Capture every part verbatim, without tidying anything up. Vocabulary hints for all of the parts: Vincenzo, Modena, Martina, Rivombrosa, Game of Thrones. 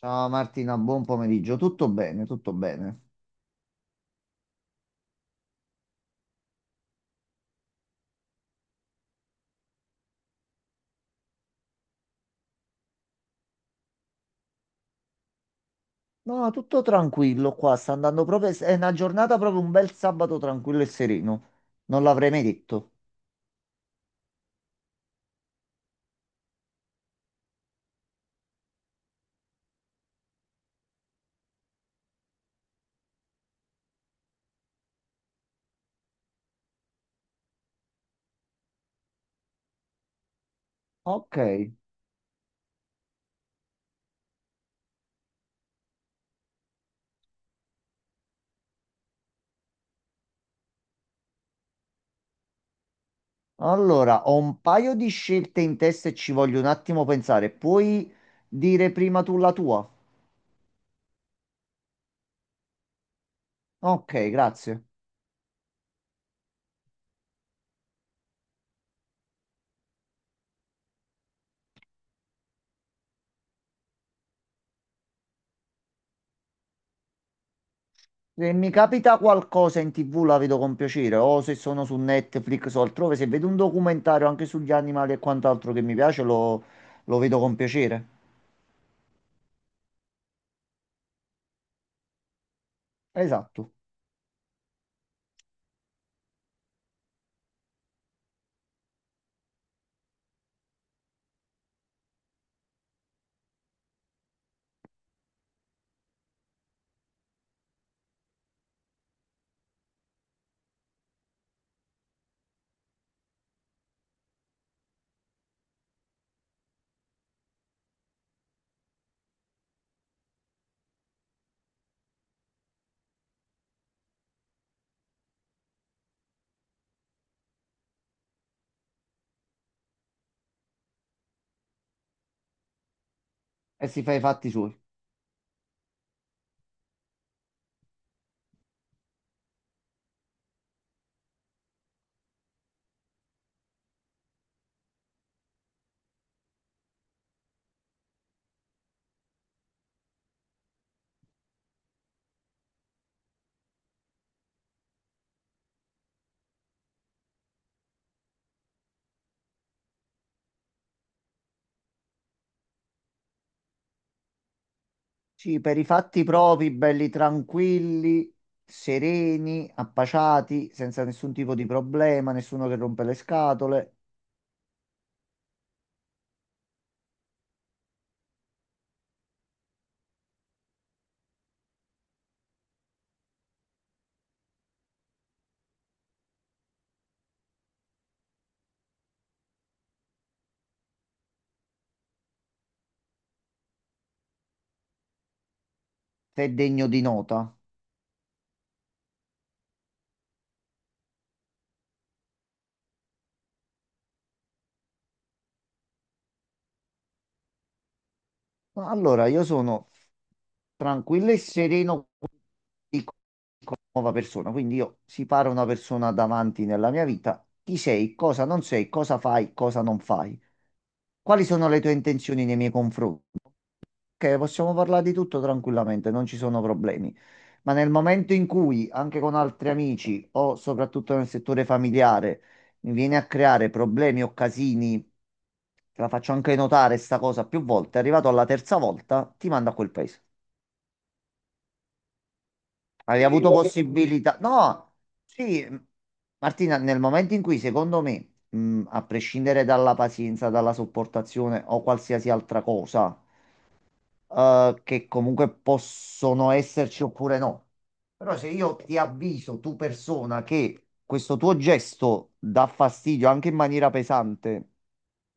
Ciao Martina, buon pomeriggio. Tutto bene, tutto bene. No, tutto tranquillo qua, sta andando proprio... È una giornata proprio un bel sabato tranquillo e sereno. Non l'avrei mai detto. Ok, allora ho un paio di scelte in testa e ci voglio un attimo pensare. Puoi dire prima tu la tua? Ok, grazie. Se mi capita qualcosa in ti vu la vedo con piacere, o se sono su Netflix o altrove, se vedo un documentario anche sugli animali e quant'altro che mi piace, lo, lo vedo con piacere. Esatto. E si fa i fatti suoi. Sì, per i fatti propri, belli tranquilli, sereni, appaciati, senza nessun tipo di problema, nessuno che rompe le scatole, sei degno di nota. Allora, io sono tranquillo e sereno di nuova persona, quindi io separo una persona davanti nella mia vita, chi sei, cosa non sei, cosa fai, cosa non fai. Quali sono le tue intenzioni nei miei confronti? Che possiamo parlare di tutto tranquillamente, non ci sono problemi. Ma nel momento in cui, anche con altri amici o soprattutto nel settore familiare, mi viene a creare problemi o casini, te la faccio anche notare sta cosa più volte, arrivato alla terza volta, ti mando a quel paese. Hai Sì, avuto vabbè. Possibilità? No, sì, Martina, nel momento in cui, secondo me, mh, a prescindere dalla pazienza, dalla sopportazione o qualsiasi altra cosa, eh, che comunque possono esserci oppure no. Però se io ti avviso, tu persona, che questo tuo gesto dà fastidio anche in maniera pesante,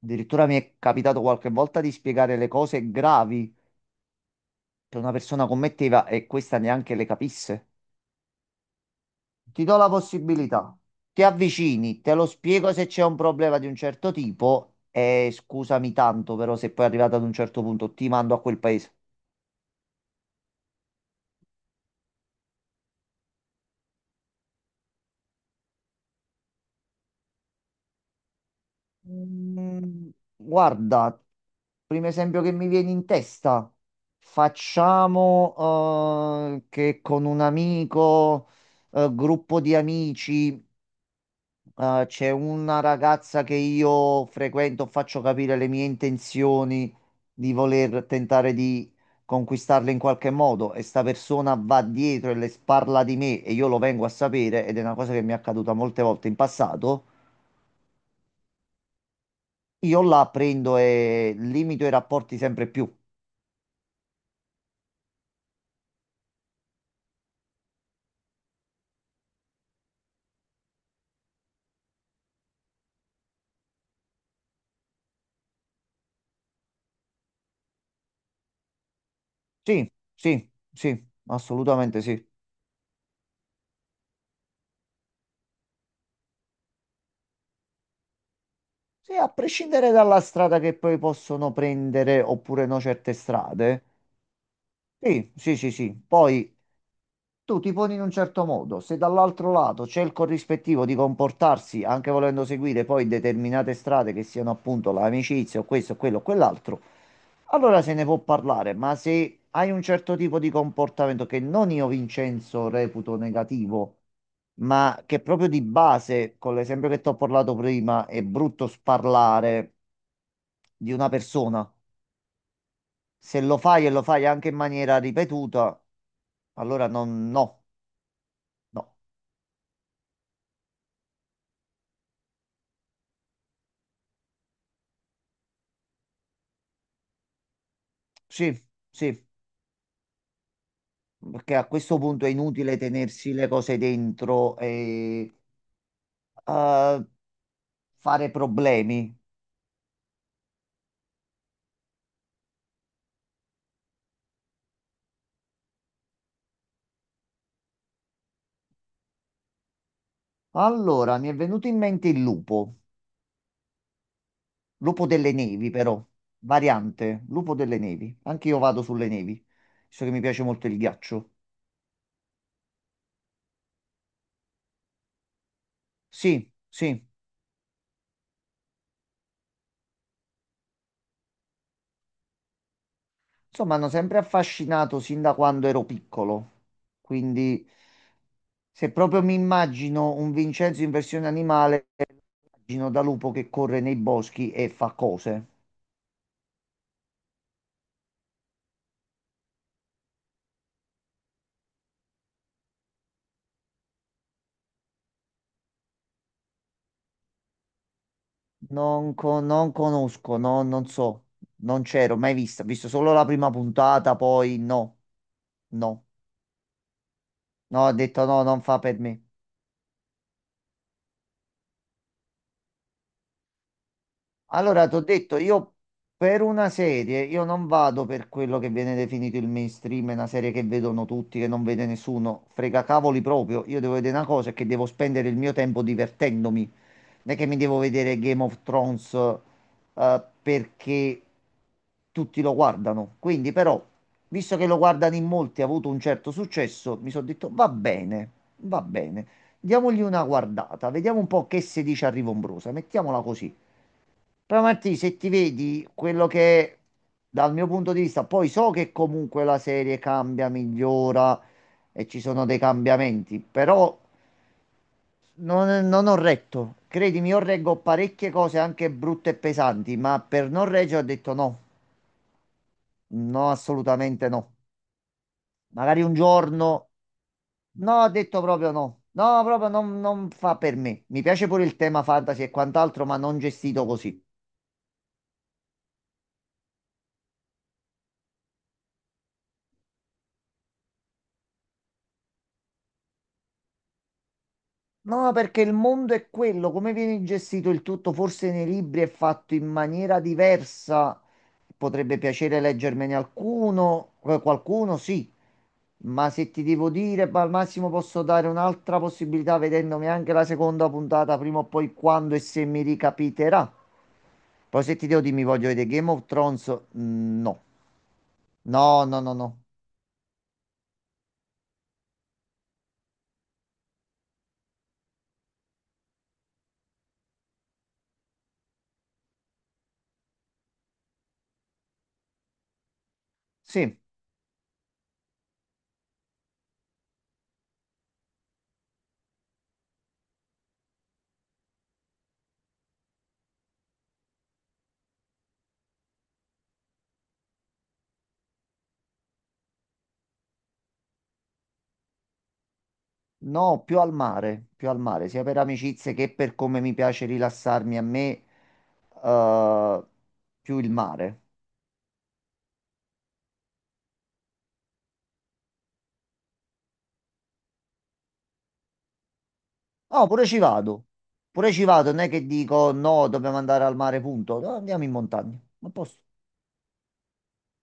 addirittura mi è capitato qualche volta di spiegare le cose gravi che una persona commetteva e questa neanche le capisse. Ti do la possibilità, ti avvicini, te lo spiego se c'è un problema di un certo tipo e scusami tanto, però se poi arrivato ad un certo punto ti mando a quel paese. Mm, Guarda, primo esempio che mi viene in testa, facciamo eh, che con un amico, eh, gruppo di amici, eh, c'è una ragazza che io frequento, faccio capire le mie intenzioni di voler tentare di conquistarle in qualche modo e sta persona va dietro e le sparla di me e io lo vengo a sapere ed è una cosa che mi è accaduta molte volte in passato, io la prendo e limito i rapporti sempre più. Sì, sì, sì, assolutamente sì. Sì, a prescindere dalla strada che poi possono prendere oppure no certe strade. Sì, sì, sì, sì. Poi tu ti poni in un certo modo, se dall'altro lato c'è il corrispettivo di comportarsi, anche volendo seguire poi determinate strade che siano appunto l'amicizia o questo, quello o quell'altro, allora se ne può parlare, ma se hai un certo tipo di comportamento che non io Vincenzo reputo negativo, ma che proprio di base, con l'esempio che ti ho parlato prima, è brutto sparlare di una persona, se lo fai e lo fai anche in maniera ripetuta, allora non, no. No. Sì, sì, perché a questo punto è inutile tenersi le cose dentro e eh, fare problemi. Allora, mi è venuto in mente il lupo, lupo delle nevi però, variante, lupo delle nevi. Anche io vado sulle nevi, visto che mi piace molto il ghiaccio. Sì, sì, insomma, hanno sempre affascinato sin da quando ero piccolo, quindi se proprio mi immagino un Vincenzo in versione animale, Gino da lupo che corre nei boschi e fa cose. Non, co- non conosco, no, non so, non c'ero mai vista. Ho visto solo la prima puntata, poi no, no, no, ho detto no, non fa per me. Allora, ti ho detto, io per una serie, io non vado per quello che viene definito il mainstream, è una serie che vedono tutti, che non vede nessuno, frega cavoli proprio. Io devo vedere una cosa e che devo spendere il mio tempo divertendomi. Non è che mi devo vedere Game of Thrones eh, perché tutti lo guardano. Quindi, però, visto che lo guardano in molti, ha avuto un certo successo, mi sono detto va bene, va bene. Diamogli una guardata, vediamo un po' che si dice a Rivombrosa, mettiamola così. Però Martì, se ti vedi quello che è, dal mio punto di vista, poi so che comunque la serie cambia, migliora e ci sono dei cambiamenti, però non, non ho retto, credimi, io reggo parecchie cose anche brutte e pesanti, ma per non reggere ho detto no, no, assolutamente no. Magari un giorno, no, ho detto proprio no, no, proprio non, non fa per me. Mi piace pure il tema fantasy e quant'altro, ma non gestito così. No, perché il mondo è quello, come viene gestito il tutto, forse nei libri è fatto in maniera diversa. Potrebbe piacere leggermene alcuno, eh, qualcuno, sì, ma se ti devo dire, ma al massimo posso dare un'altra possibilità vedendomi anche la seconda puntata, prima o poi quando e se mi ricapiterà. Poi se ti devo dire mi voglio vedere Game of Thrones, mm, no. No, no, no, no. Sì. No, più al mare, più al mare, sia per amicizie che per come mi piace rilassarmi a me, eh, più il mare. No, pure ci vado. Pure ci vado, non è che dico no, dobbiamo andare al mare, punto. No, andiamo in montagna. Ma posso.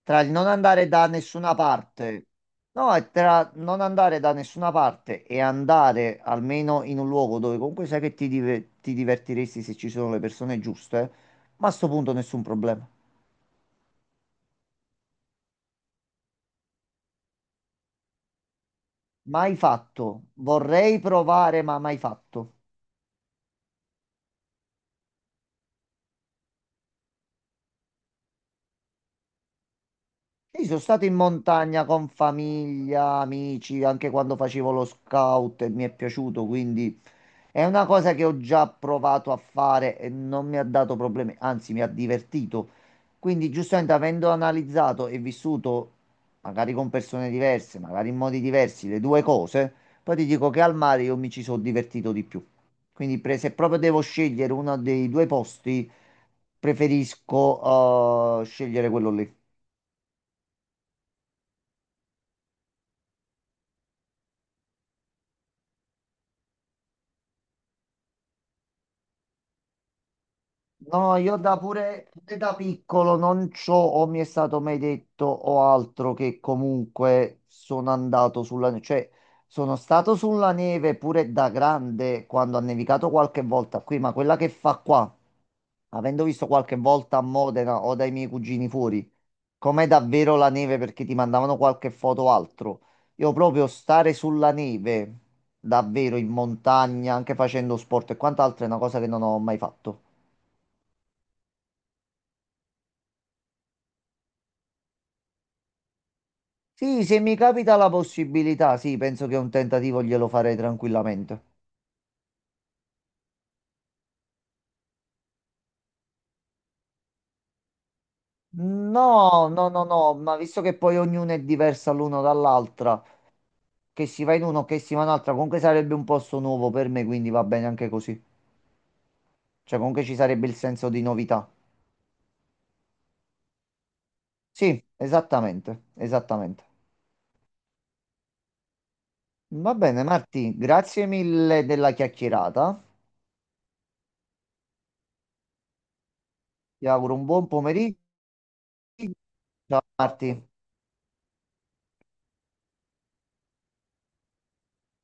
Tra il non andare da nessuna parte, no, è tra non andare da nessuna parte e andare almeno in un luogo dove comunque sai che ti, dive- ti divertiresti se ci sono le persone giuste, ma a sto punto nessun problema. Mai fatto. Vorrei provare, ma mai fatto. Sì, sono stato in montagna con famiglia, amici, anche quando facevo lo scout e mi è piaciuto, quindi è una cosa che ho già provato a fare e non mi ha dato problemi, anzi mi ha divertito. Quindi, giustamente, avendo analizzato e vissuto, magari con persone diverse, magari in modi diversi, le due cose, poi ti dico che al mare io mi ci sono divertito di più. Quindi, pre- se proprio devo scegliere uno dei due posti, preferisco eh, scegliere quello lì. No, io da pure, pure da piccolo non c'ho o mi è stato mai detto o altro che comunque sono andato sulla neve, cioè sono stato sulla neve pure da grande quando ha nevicato qualche volta qui, ma quella che fa qua, avendo visto qualche volta a Modena o dai miei cugini fuori, com'è davvero la neve perché ti mandavano qualche foto o altro, io proprio stare sulla neve, davvero in montagna, anche facendo sport e quant'altro è una cosa che non ho mai fatto. Sì, se mi capita la possibilità, sì, penso che un tentativo glielo farei tranquillamente. No, no, no, no, ma visto che poi ognuno è diversa l'uno dall'altra, che si va in uno, che si va in un'altra, comunque sarebbe un posto nuovo per me, quindi va bene anche così. Cioè, comunque ci sarebbe il senso di novità. Sì, esattamente, esattamente. Va bene, Marti, grazie mille della chiacchierata. Ti auguro un buon pomeriggio. Ciao, Marti.